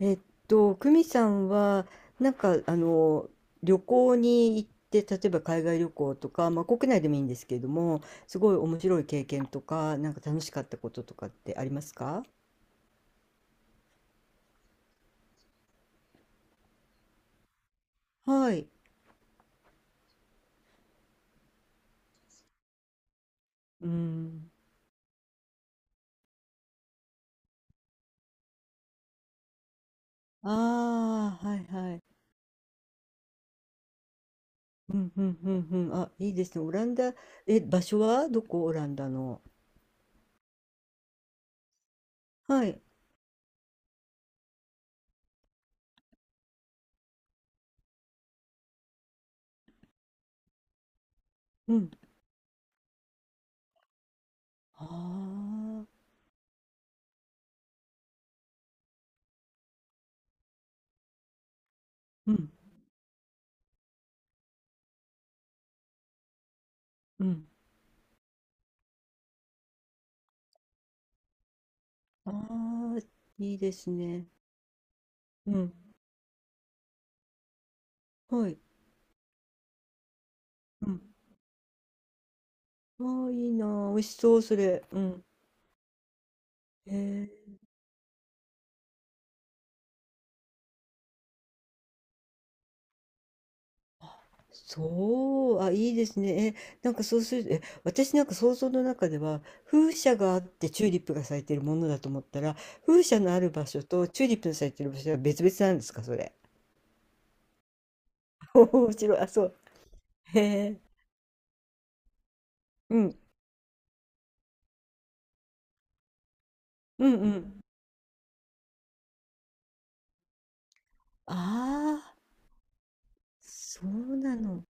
えっ久美さんは、なんか、あの、旅行に行って、例えば海外旅行とか、まあ、国内でもいいんですけれども、すごい面白い経験とか、なんか楽しかったこととかってありますか？はい。うん。ああ、はいはい。うんうんうんうん。あ、いいですね。オランダ、場所はどこオランダの？はい。うん。ああ、うんうん。ああ、いいですね。うん。はい。うん。ああ、いいなあ。美味しそう、それ。うん。へそう。あ、いいですね。なんかそうする、私なんか想像の中では、風車があってチューリップが咲いてるものだと思ったら、風車のある場所とチューリップの咲いてる場所は別々なんですか、それ？面白い。あ、そう。へえ。うん。うんうん。ああ、そうなの。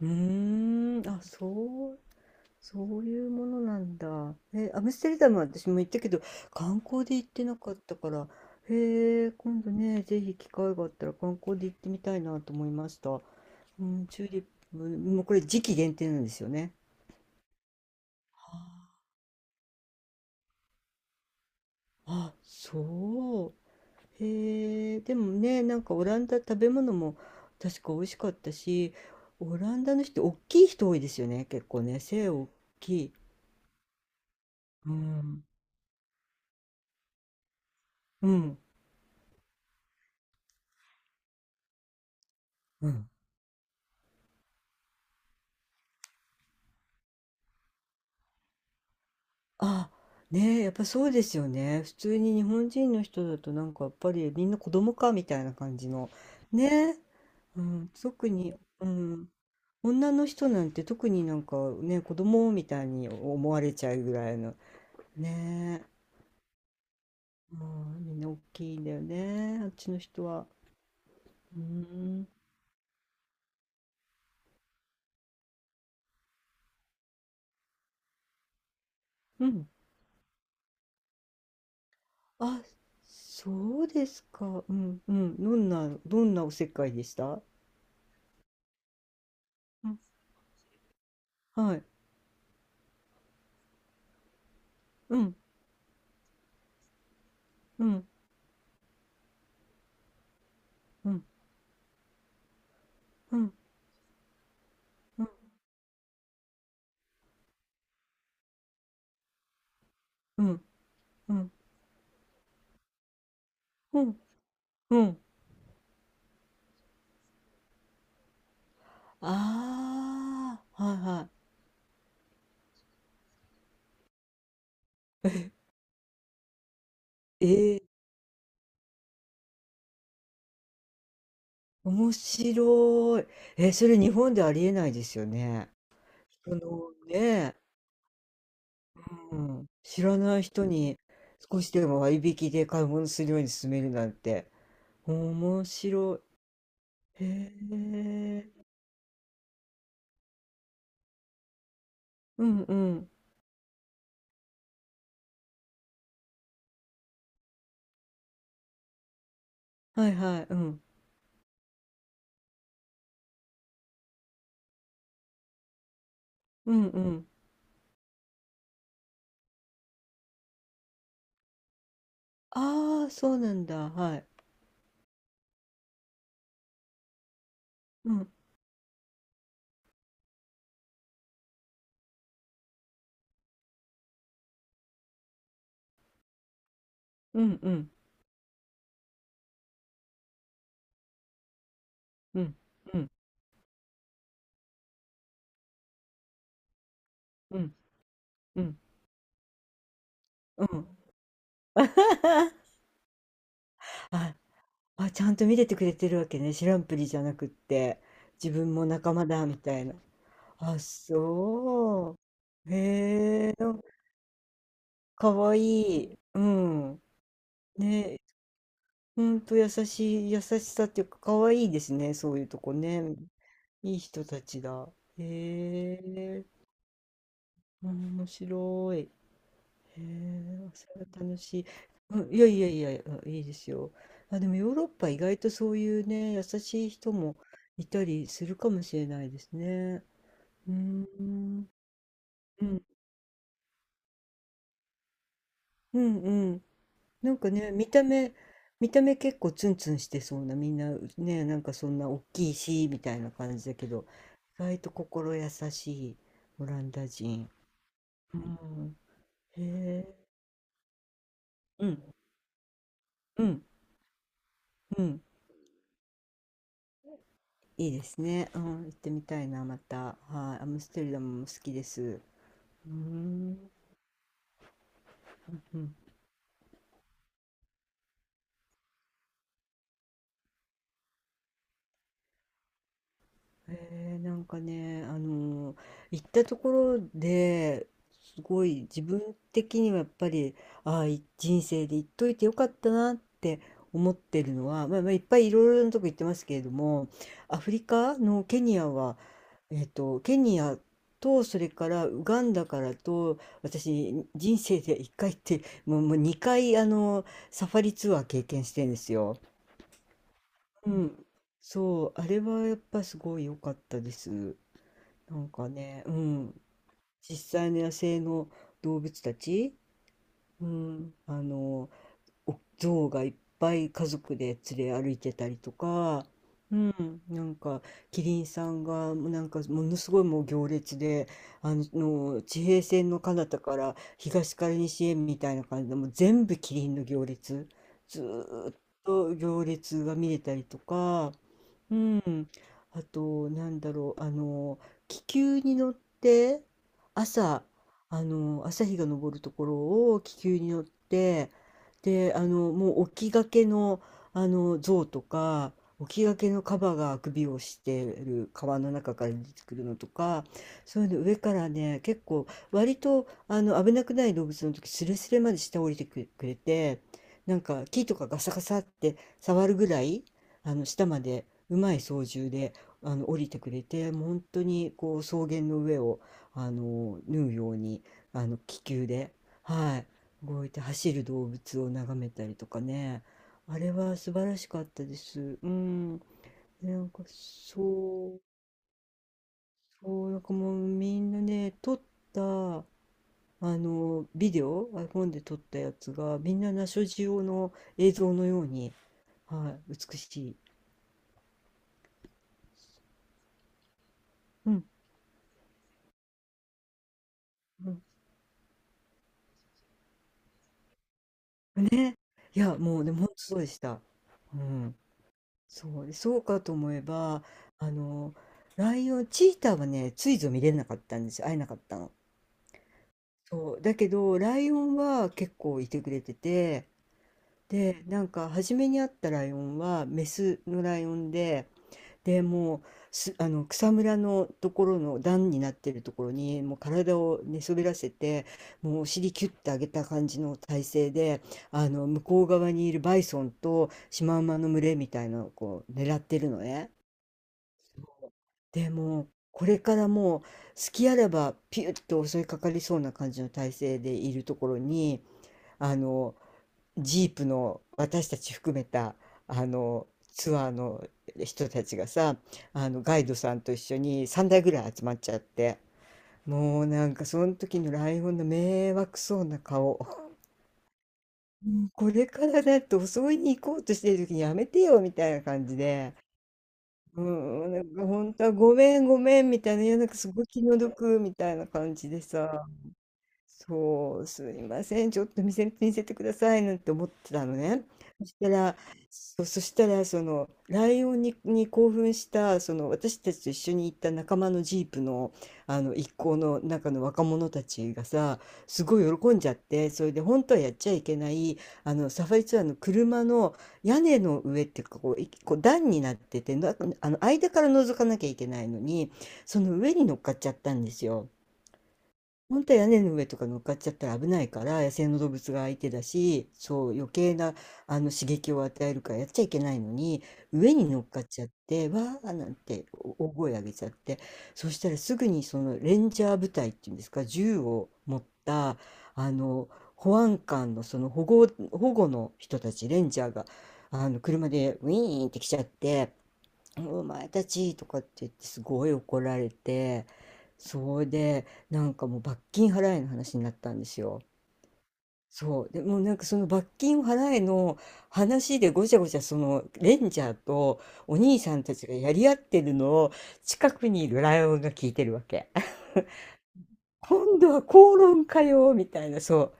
うーん。あ、そう。そういうものなんだ。アムステルダムは私も行ったけど、観光で行ってなかったから、へえ、今度ね、ぜひ機会があったら観光で行ってみたいなと思いました。うん、チューリップ、もうこれ時期限定なんですよね。あ、そう。へえ、でもね、なんかオランダ食べ物も確か美味しかったし、オランダの人、大きい人多いですよね、結構ね、背大きい。うん。うん。うん。あ、ねえ、やっぱそうですよね。普通に日本人の人だとなんかやっぱりみんな子供かみたいな感じの。ねえ、うん、特に、うん、女の人なんて特になんかね、子供みたいに思われちゃうぐらいの。ねえ、うん、みんな大きいんだよね、あっちの人は。うん、うん。あ、そうですか。うん、うん。どんなおせっかいでした？うん、はい。うん、うん、うん、うん、うん、うん。うんうん、うん。ああ、はいはい。え、えー、面白い。それ日本でありえないですよね。人のね、うん、知らない人に少しでも割引で買い物するように勧めるなんて、面白い。へえ、うんうん。はいはい、うん。うんうん。ああ、そうなんだ。はい。うん、うんうん、うん、うん、うん、うん、うん。ああ、ちゃんと見ててくれてるわけね。知らんぷりじゃなくって、自分も仲間だみたいな。あ、そう。へえ、なんかかわいい。うん。ね、ほんと優しい、優しさっていうか、かわいいですね。そういうとこね。いい人たちだ。へえ、面白い。へえ、それは楽しい。うん、いやいやいや、うん、いいですよ。あ、でもヨーロッパ意外とそういうね、優しい人もいたりするかもしれないですね。うーん、うん、うん、うん。なんかね、見た目、見た目結構ツンツンしてそうな、みんなね、なんかそんな大きいし、みたいな感じだけど、意外と心優しいオランダ人。うん、へえ、うん、うん、うん。いいですね。うん、行ってみたいな、また。はい、アムステルダムも好きです。うーん。うん。なんかね、行ったところですごい自分的にはやっぱり、人生で行っといてよかったなって思ってるのは、まあ、まあいっぱいいろいろなとこ行ってますけれども、アフリカのケニアはケニアと、それからウガンダからと、私、人生で1回って、もう2回、あの、サファリツアー経験してるんですよ。うん。そう、あれはやっぱすごい良かったです。なんかね、うん。実際の野生の動物たち、うん、あの、お象がいっぱい家族で連れ歩いてたりとか、うん、なんかキリンさんがもうなんかものすごいもう行列であの地平線の彼方から東から西へみたいな感じでもう全部キリンの行列ずーっと行列が見れたりとか、うん、あと、なんだろう、あの、気球に乗って、朝、あの、朝日が昇るところを気球に乗って、で、あの、もう起きがけの、あの、象とか、起きがけのカバが首をしてる川の中から出てくるのとか、そういうの上からね、結構、割と、あの、危なくない動物の時、スレスレまで下降りてくくれて、なんか木とかガサガサって触るぐらい、あの下までうまい操縦であの降りてくれて、もう本当にこう草原の上をあの縫うようにあの気球で、はい、動いて走る動物を眺めたりとかね。あれは素晴らしかったです。うん、なんかそうそう、なんかもうみんなね撮ったあのビデオ iPhone で撮ったやつがみんなナショジオの映像のように、はい、美しい。うんうん、ね、いや、もうでもほとそうでした。うん。そう、そうかと思えば、あの、ライオンチーターはね、ついぞ見れなかったんですよ。会えなかったの。そう、だけど、ライオンは結構いてくれてて、で、なんか初めに会ったライオンはメスのライオンで、で、もう、すあの、草むらのところの段になってるところに、もう体を寝そべらせて、もうお尻キュッて上げた感じの体勢で、あの、向こう側にいるバイソンとシマウマの群れみたいなのをこう狙ってるのね。で、もう、これからもう、隙あらばピュッと襲いかかりそうな感じの体勢でいるところに、あの、ジープの私たち含めたあのツアーの人たちがさ、あのガイドさんと一緒に3台ぐらい集まっちゃって、もうなんかその時のライオンの迷惑そうな顔も、うこれからだって襲いに行こうとしてる時にやめてよみたいな感じで。うん、なんか本当はごめんごめんみたいな、いやなんかすごい気の毒みたいな感じでさ、そう、すいません、ちょっと見せてくださいなんて思ってたのね。そしたら、そしたら、その、ライオンに興奮した、その、私たちと一緒に行った仲間のジープの、あの、一行の中の若者たちがさ、すごい喜んじゃって、それで、本当はやっちゃいけない、あの、サファリツアーの車の屋根の上っていうか、こう段になってて、あの、間から覗かなきゃいけないのに、その上に乗っかっちゃったんですよ。本当は屋根の上とか乗っかっちゃったら危ないから、野生の動物が相手だし、そう余計なあの刺激を与えるからやっちゃいけないのに、上に乗っかっちゃって、わーなんてお大声上げちゃって、そしたらすぐにそのレンジャー部隊っていうんですか、銃を持ったあの保安官のその保護の人たち、レンジャーがあの車でウィーンって来ちゃって、お前たちとかって言ってすごい怒られて、そうでなんかもう罰金払えの話になったんですよ。そうでもうなんかその罰金を払えの話でごちゃごちゃそのレンジャーとお兄さんたちがやり合ってるのを近くにいるライオンが聞いてるわけ。今度は口論かよみたいな。そう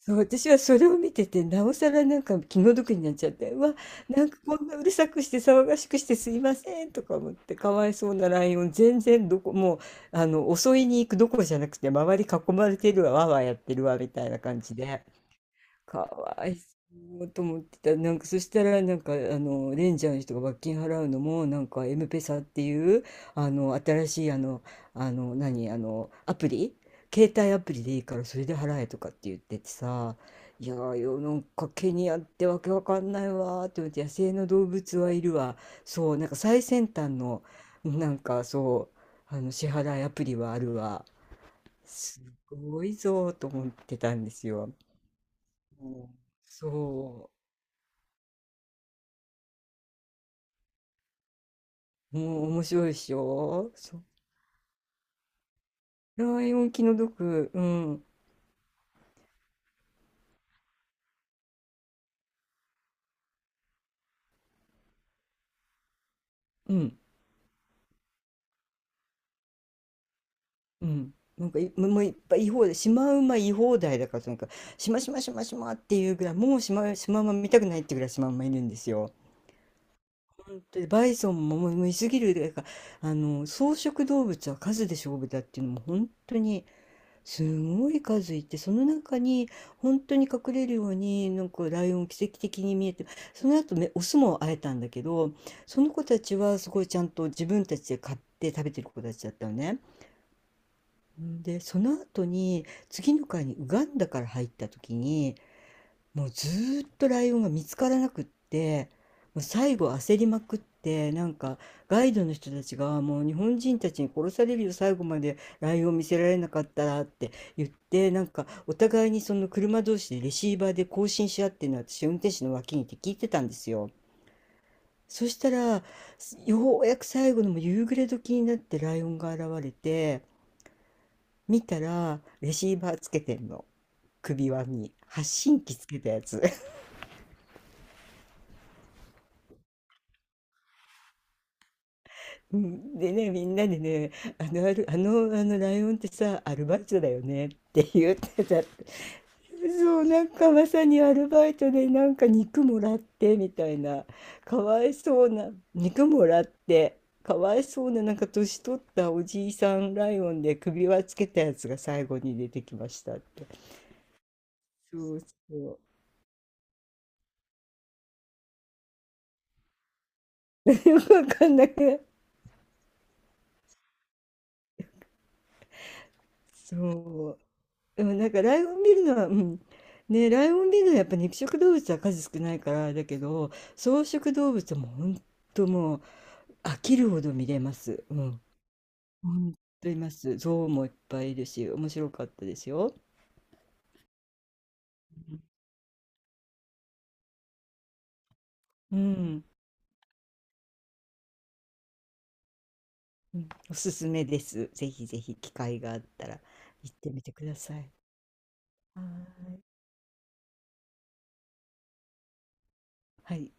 そう、私はそれを見てて、なおさらなんか気の毒になっちゃって、うわ、なんかこんなうるさくして騒がしくしてすいませんとか思って、かわいそうなライオン、全然どこ、もう、襲いに行くどころじゃなくて、周り囲まれてるわ、わーわーやってるわ、みたいな感じで。かわいそうと思ってた。なんか、そしたら、レンジャーの人が罰金払うのも、なんか、エムペサっていう、新しい、あの、あの、何、あの、アプリ携帯アプリでいいから、それで払えとかって言っててさ、いやーよ、なんか、ケニアってわけわかんないわーって思って、野生の動物はいるわ。そう、なんか、最先端の、なんか、そ支払いアプリはあるわ。すごいぞーと思ってたんですよ。うん、そう。もう面白いでしょ、そう。ライオン気の毒。うん。うん。うん。なんかい、もういっぱい言い放題。シマウマ言い放題だから、そのなんか、しましましましまっていうぐらい、もうシマ、シマウマ見たくないってぐらいシマウマいるんですよ。本当にバイソンももういすぎるだからいか、草食動物は数で勝負だっていうのも本当にすごい数いて、その中に本当に隠れるように、なんかライオン奇跡的に見えて、その後ねオスも会えたんだけど、その子たちはすごいちゃんと自分たちで買って食べてる子たちだったのね。で、その後に次の回にウガンダから入った時に、もうずーっとライオンが見つからなくって、もう最後焦りまくって、なんかガイドの人たちがもう日本人たちに殺されるよ最後までライオン見せられなかったらって言って、なんかお互いにその車同士でレシーバーで交信し合ってるのを私運転手の脇にいて聞いてたんですよ。そしたらようやく最後のもう夕暮れ時になってライオンが現れて、見たらレシーバーつけてんの、首輪に発信機つけたやつ。うんでね、みんなでね、あの、ある、あの、あのライオンってさ、アルバイトだよねって言ってたって。そう、なんかまさにアルバイトでなんか肉もらってみたいな、かわいそうな、肉もらって、かわいそうな、なんか年取ったおじいさんライオンで首輪つけたやつが最後に出てきましたって。そうそう。よくわかんなくない。そう。うんなんかライオンビルのは、うん。ね、ライオンビルのはやっぱ肉食動物は数少ないからあれだけど、草食動物はもうほんともう飽きるほど見れます。うん。ほんといます。象もいっぱいいるし、面白かったですよ。うん。うん。おすすめです。ぜひぜひ機会があったら行ってみてください。はーい。はい。